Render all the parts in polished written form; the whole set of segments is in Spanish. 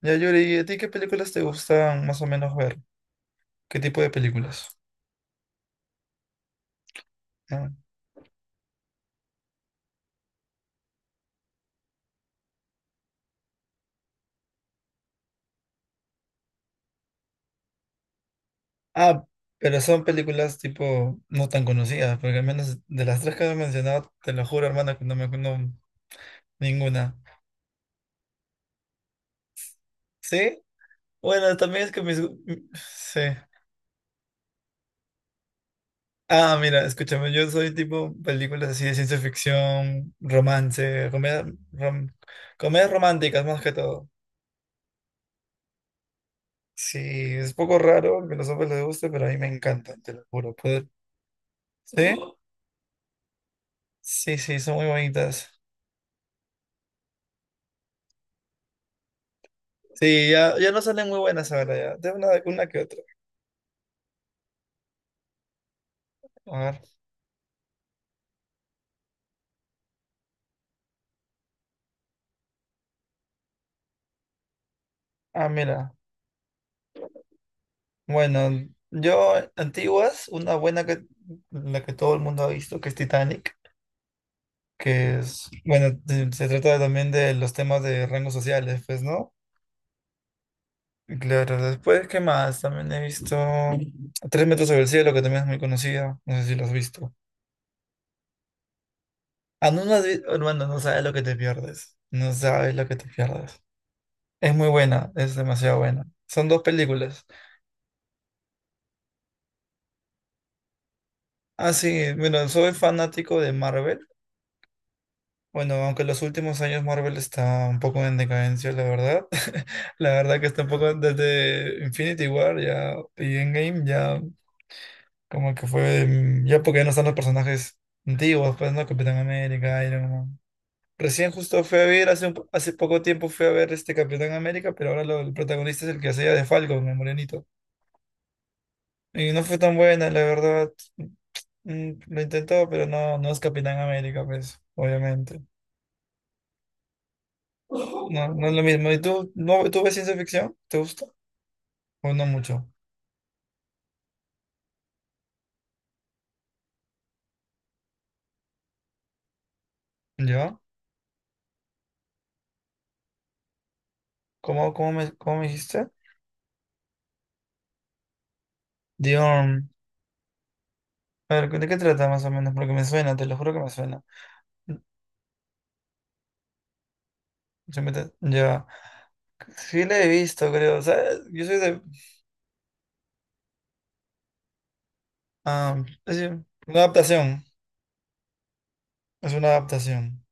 Ya, Yuri, ¿y a ti qué películas te gustan más o menos ver? ¿Qué tipo de películas? Ah, ah, pero son películas tipo no tan conocidas, porque al menos de las tres que me mencionado, te lo juro, hermano, que no me acuerdo ninguna. ¿Sí? Bueno, también es que mis... Sí. Ah, mira, escúchame, yo soy tipo películas así de ciencia ficción, romance, rom- comedias románticas más que todo. Sí, es poco raro que a los hombres les guste, pero a mí me encanta, te lo juro. Poder... ¿Sí? Sí, sí, son muy bonitas. Sí, ya, ya no salen muy buenas ahora, ya. De una que otra. A ver. Ah, mira. Bueno, yo, antiguas, una buena que la que todo el mundo ha visto, que es Titanic, que es, bueno, se trata también de los temas de rangos sociales, pues, ¿no? Y claro, después, ¿qué más? También he visto Tres metros sobre el cielo, que también es muy conocida. No sé si lo has visto. Ah, no, no bueno, no sabes lo que te pierdes. No sabes lo que te pierdes. Es muy buena, es demasiado buena. Son dos películas. Ah, sí, bueno, soy fanático de Marvel. Bueno, aunque en los últimos años Marvel está un poco en decadencia, la verdad. La verdad que está un poco desde Infinity War ya y Endgame ya como que fue ya porque ya no están los personajes antiguos, pues no, Capitán América, Iron Man. Recién justo fui a ver, hace, hace poco tiempo fui a ver este Capitán América, pero ahora el protagonista es el que hacía de Falcon, el morenito. Y no fue tan buena, la verdad. Lo intentó, pero no, no es Capitán América, pues, obviamente. No, no es lo mismo. ¿Y tú, no, tú ves ciencia ficción? ¿Te gusta? ¿O no mucho? Ya. ¿Cómo me dijiste? Dion. A ver, ¿de qué trata más o menos? Porque me suena, te lo juro que me suena. Mm, Ya. Sí la he visto, creo. ¿Sabes? Yo soy de... ah, es decir, una adaptación. Es una adaptación.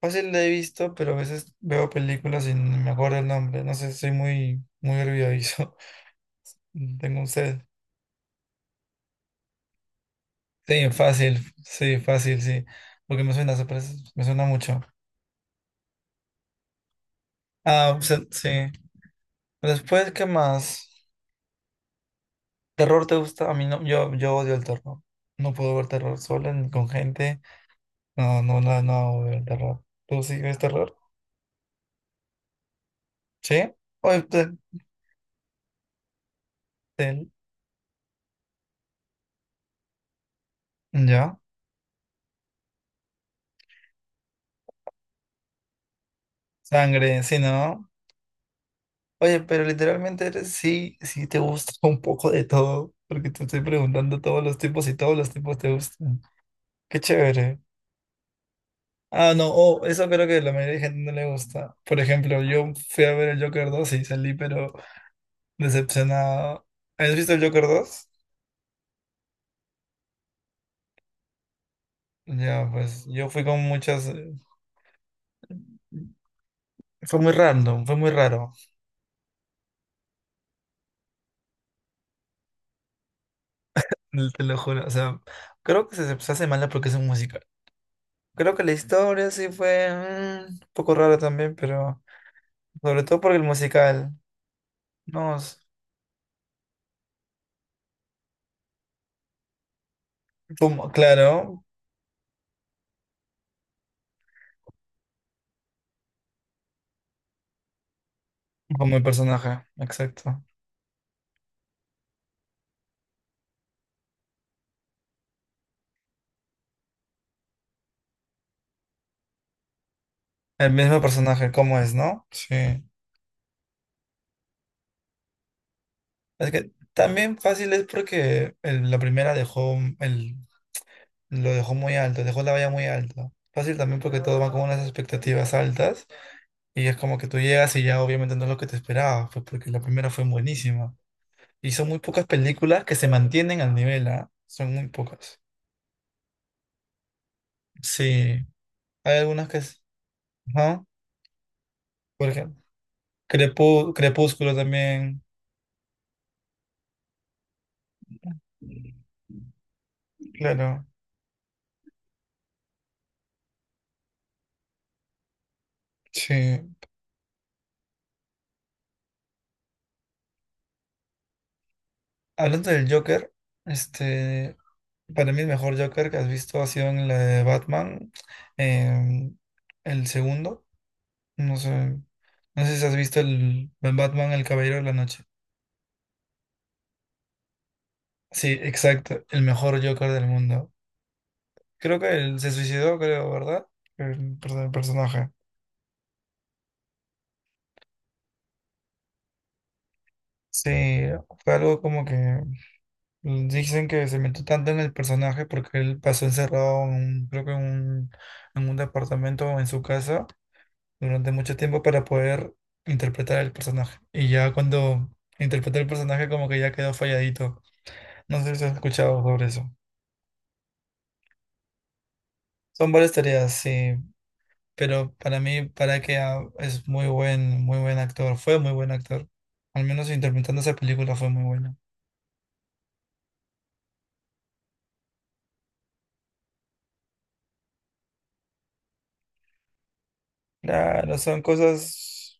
Fácil la he visto, pero a veces veo películas y no me acuerdo el nombre. No sé, soy muy, muy olvidadizo. Tengo un sed. Sí, fácil, sí, fácil, sí. Porque me suena, me suena mucho. Sí. Después, ¿qué más? ¿Terror te gusta? A mí no, yo odio el terror. No puedo ver terror sola ni con gente. No, no veo el terror. ¿Tú sí ves terror? ¿Sí? Oye, te- te- ya. Sangre, sí, ¿no? Oye, pero literalmente eres, sí, sí te gusta un poco de todo. Porque te estoy preguntando todos los tipos y todos los tipos te gustan. Qué chévere. Ah, no, oh, eso creo que la mayoría de gente no le gusta. Por ejemplo, yo fui a ver el Joker 2 y salí, pero decepcionado. ¿Has visto el Joker 2? Ya, pues yo fui con muchas... fue muy random, fue muy raro, te lo juro. O sea, creo que se hace mala porque es un musical. Creo que la historia sí fue un poco rara también, pero sobre todo por el musical. No, es como, claro, como el personaje, exacto. El mismo personaje, ¿cómo es, no? Sí. Es que también fácil es porque la primera dejó lo dejó muy alto, dejó la valla muy alta. Fácil también porque todo va con unas expectativas altas y es como que tú llegas y ya obviamente no es lo que te esperabas, pues porque la primera fue buenísima. Y son muy pocas películas que se mantienen al nivel, ¿ah? Son muy pocas. Sí, hay algunas ajá. Por ejemplo, Crepúsculo también, claro. Sí. Hablando del Joker, este... Para mí el mejor Joker que has visto ha sido en la de Batman, eh, el segundo. No sé, no sé si has visto el Batman, el Caballero de la Noche. Sí, exacto, el mejor Joker del mundo. Creo que él se suicidó, creo, ¿verdad? El personaje. Sí, fue algo como que dicen que se metió tanto en el personaje porque él pasó encerrado, creo que en un departamento o en su casa, durante mucho tiempo para poder interpretar el personaje. Y ya cuando interpreté el personaje como que ya quedó falladito. No sé si has escuchado sobre eso. Son varias tareas, sí, pero para mí, para que ah, es muy buen actor, fue muy buen actor. Al menos interpretando esa película fue muy buena. Claro, son cosas,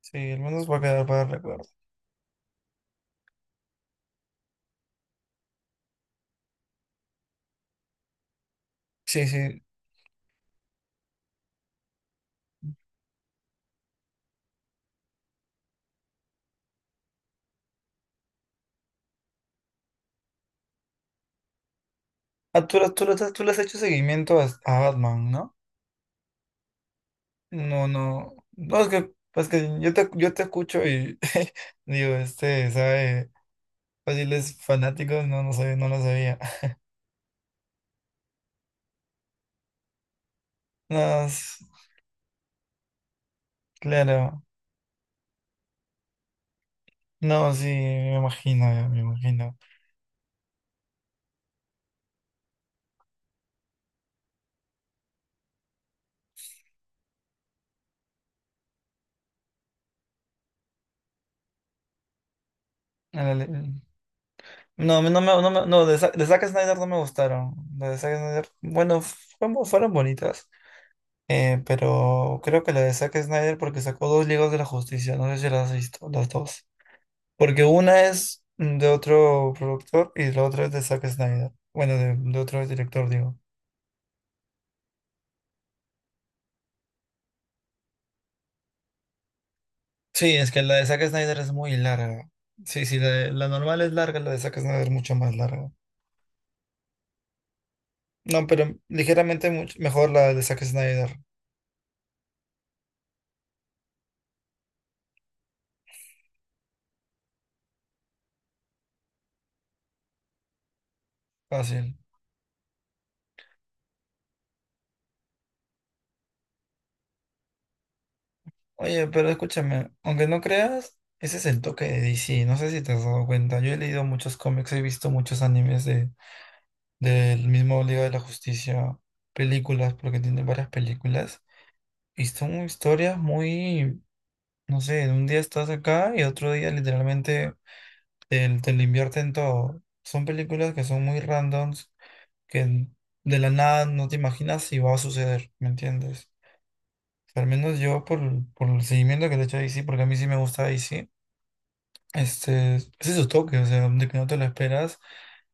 sí, al menos va a quedar para el recuerdo. Sí, sí. Ah, tú le has hecho seguimiento a Batman, ¿no? No, no, no, es que yo te escucho y digo, este, sabe, fáciles fanáticos, no, no sabía, no lo sabía. No, s- claro, no, sí, me imagino, ya, me imagino. A no, no, de, de Zack Snyder no me gustaron. Las de Zack Snyder, bueno, fueron bonitas, pero creo que la de Zack Snyder porque sacó dos Ligas de la Justicia, no sé si las has visto, las dos. Porque una es de otro productor y la otra es de Zack Snyder. Bueno, de otro director, digo. Sí, es que la de Zack Snyder es muy larga. Sí, sí, la normal es larga, la de Zack Snyder es mucho más larga. No, pero ligeramente mejor la de Zack Snyder. Fácil. Oye, pero escúchame, aunque no creas, ese es el toque de DC. No sé si te has dado cuenta. Yo he leído muchos cómics, he visto muchos animes del mismo Liga de la Justicia, películas, porque tiene varias películas. Y son historias muy, no sé, un día estás acá y otro día literalmente te lo invierten todo. Son películas que son muy randoms, que de la nada no te imaginas si va a suceder, ¿me entiendes? Al menos yo por el seguimiento que le he hecho a DC, porque a mí sí me gusta DC, este, ese es su toque, o sea, de que no te lo esperas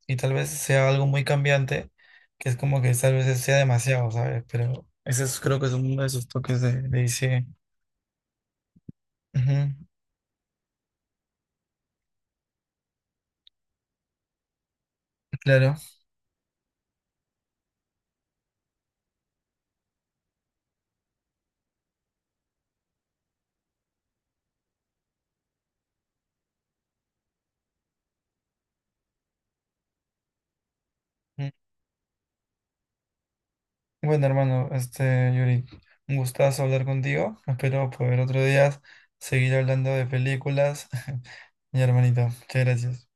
y tal vez sea algo muy cambiante, que es como que tal vez sea demasiado, ¿sabes? Pero creo que es uno de esos toques de DC. Ujú, claro. Mm. Bueno, hermano, este, Yuri, un gustazo hablar contigo. Espero poder otro día seguir hablando de películas. Mi hermanito, muchas gracias.